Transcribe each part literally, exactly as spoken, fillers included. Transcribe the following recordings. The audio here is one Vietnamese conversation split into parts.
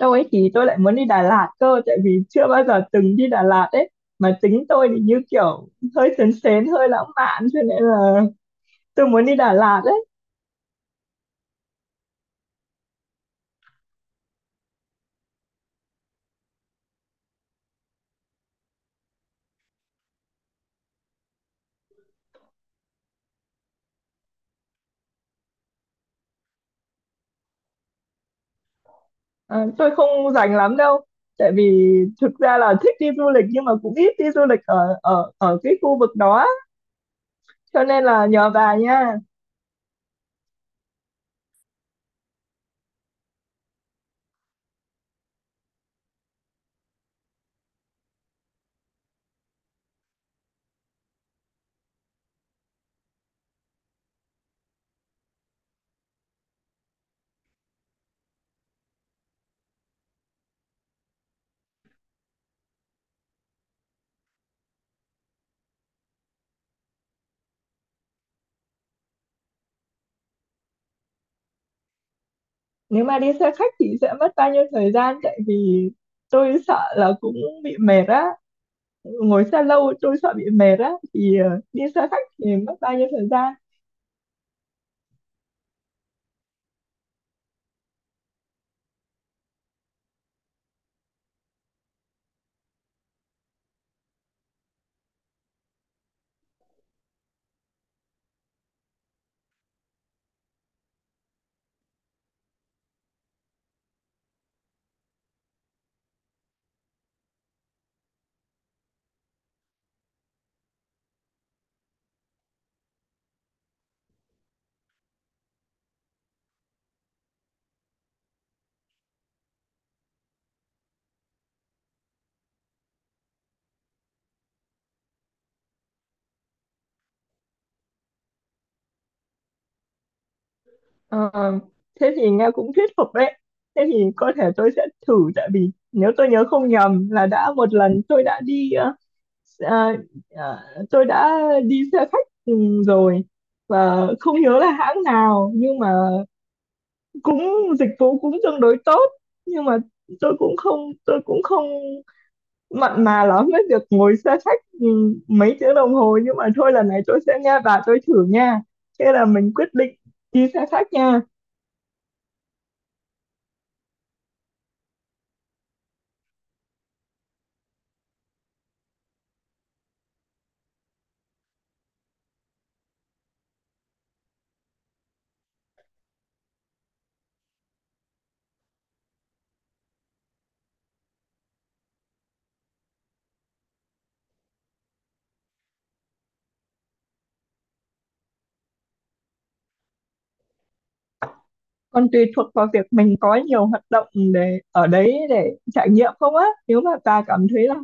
Đâu ấy thì tôi lại muốn đi Đà Lạt cơ, tại vì chưa bao giờ từng đi Đà Lạt ấy, mà tính tôi thì như kiểu hơi sến sến hơi lãng mạn, cho nên là tôi muốn đi Đà Lạt ấy. Ờ, tôi không rành lắm đâu, tại vì thực ra là thích đi du lịch, nhưng mà cũng ít đi du lịch ở ở ở cái khu vực đó á. Cho nên là nhờ bà nha. Nếu mà đi xe khách thì sẽ mất bao nhiêu thời gian, tại vì tôi sợ là cũng bị mệt á, ngồi xe lâu tôi sợ bị mệt á. Thì ờ, đi xe khách thì mất bao nhiêu thời gian? Ờ, thế thì nghe cũng thuyết phục đấy. Thế thì có thể tôi sẽ thử, tại vì nếu tôi nhớ không nhầm là đã một lần tôi đã đi, ờ, ờ, ờ, tôi đã đi xe khách ừ, rồi, và không nhớ là hãng nào, nhưng mà cũng dịch vụ cũng tương đối tốt. Nhưng mà tôi cũng không tôi cũng không mặn mà lắm với việc ngồi xe khách ừ, mấy tiếng đồng hồ, nhưng mà thôi lần này tôi sẽ nghe bà, tôi thử nha. Thế là mình quyết định đi xe khách nha. Còn tùy thuộc vào việc mình có nhiều hoạt động để ở đấy để trải nghiệm không á. Nếu mà bà cảm thấy là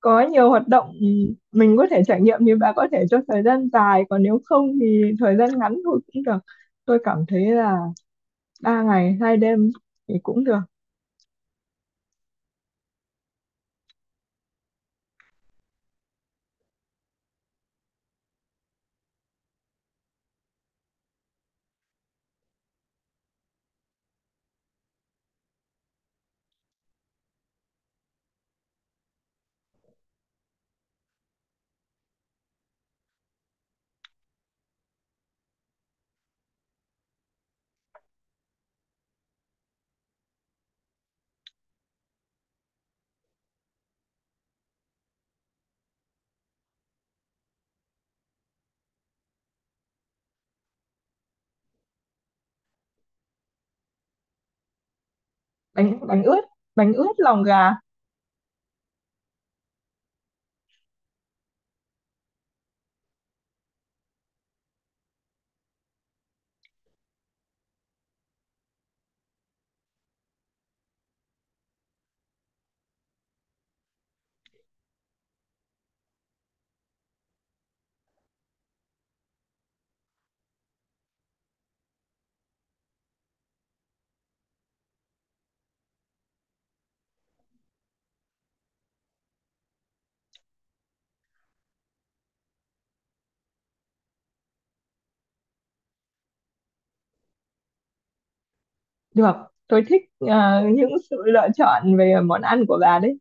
có nhiều hoạt động ừ, mình có thể trải nghiệm, thì bà có thể cho thời gian dài, còn nếu không thì thời gian ngắn thôi cũng được. Tôi cảm thấy là ba ngày hai đêm thì cũng được. Bánh bánh ướt, bánh ướt lòng gà. Được, tôi thích ờ, những sự lựa chọn về món ăn của bà đấy.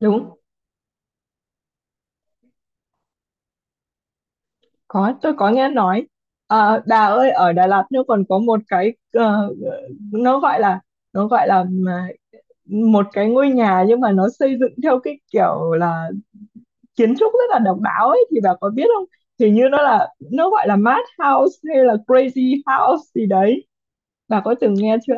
Đúng. Có, tôi có nghe nói. À, bà ơi, ở Đà Lạt nó còn có một cái, ờ, nó gọi là, nó gọi là mà- một cái ngôi nhà nhưng mà nó xây dựng theo cái kiểu là kiến trúc rất là độc đáo ấy, thì bà có biết không? Hình như nó là, nó gọi là mad house hay là crazy house gì đấy. Bà có từng nghe chưa?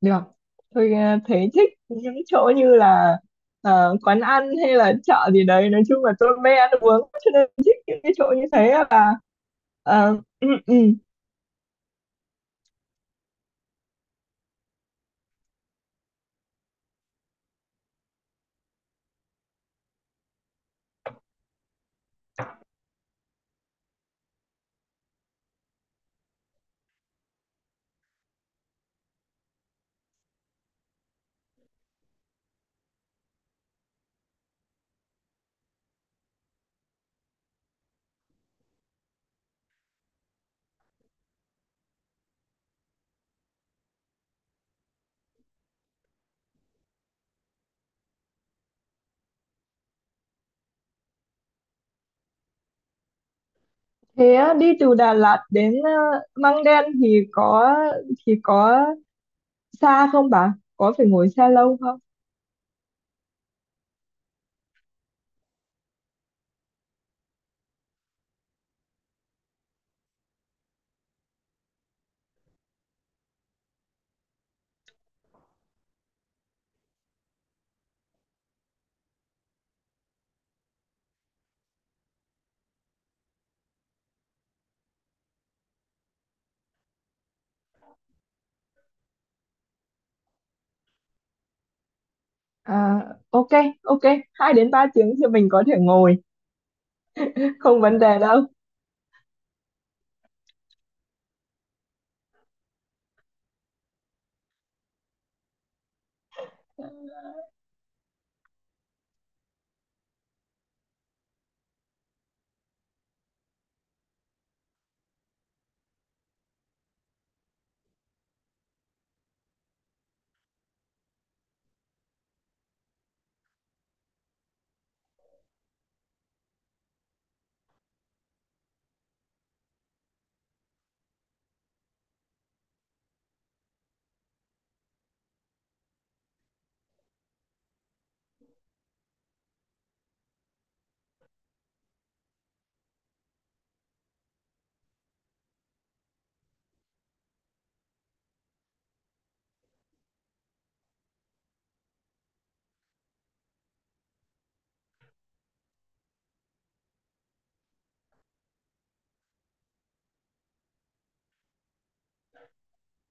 Được. Tôi ờ, thấy thích những chỗ như là ờ, quán ăn hay là chợ gì đấy. Nói chung là tôi mê ăn uống, cho nên thích những cái chỗ như thế là Thế á, đi từ Đà Lạt đến ờ, Măng Đen thì có, thì có xa không bà? Có phải ngồi xe lâu không? À, ok, ok, hai đến ba tiếng thì mình có thể ngồi, không vấn đề đâu.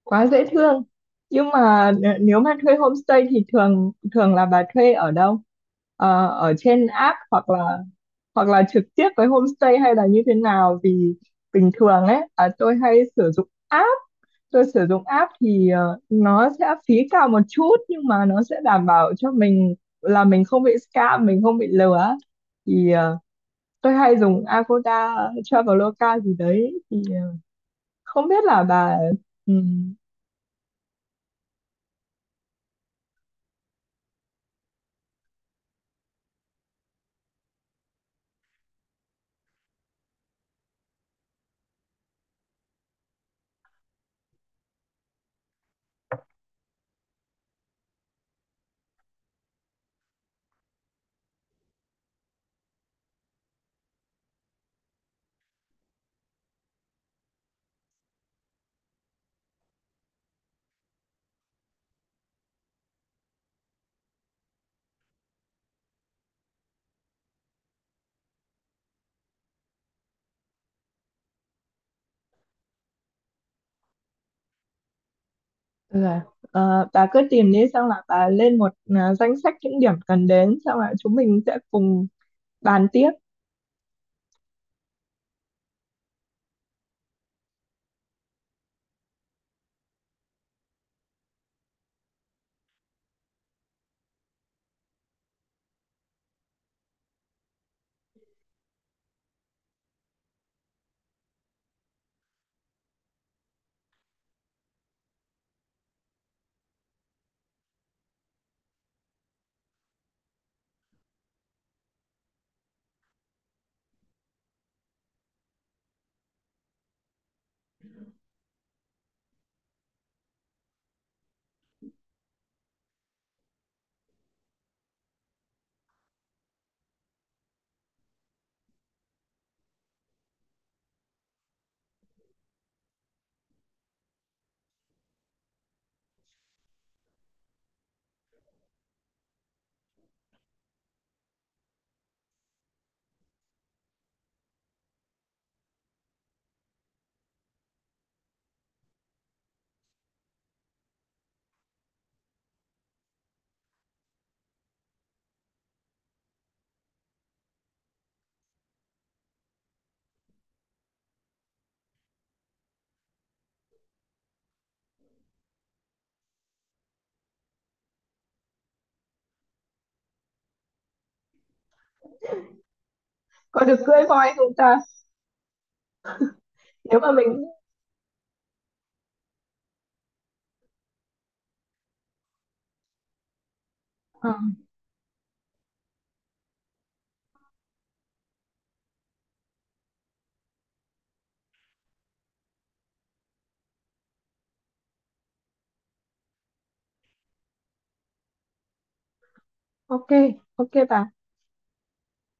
Quá dễ thương. Nhưng mà n- nếu mà thuê homestay thì thường thường là bà thuê ở đâu? Ờ, ở trên app hoặc là, hoặc là trực tiếp với homestay, hay là như thế nào? Vì bình thường ấy, à, tôi hay sử dụng app. Tôi sử dụng app thì ờ, nó sẽ phí cao một chút, nhưng mà nó sẽ đảm bảo cho mình là mình không bị scam, mình không bị lừa. Thì ờ, tôi hay dùng Agoda, Traveloka gì đấy. Thì ờ, không biết là bà ừm, là ờ, bà cứ tìm đi, xong là bà lên một, ờ, danh sách những điểm cần đến, xong là chúng mình sẽ cùng bàn tiếp. Có được cưỡi voi không ta? Nếu mà mình, ờ, ok, ok bà.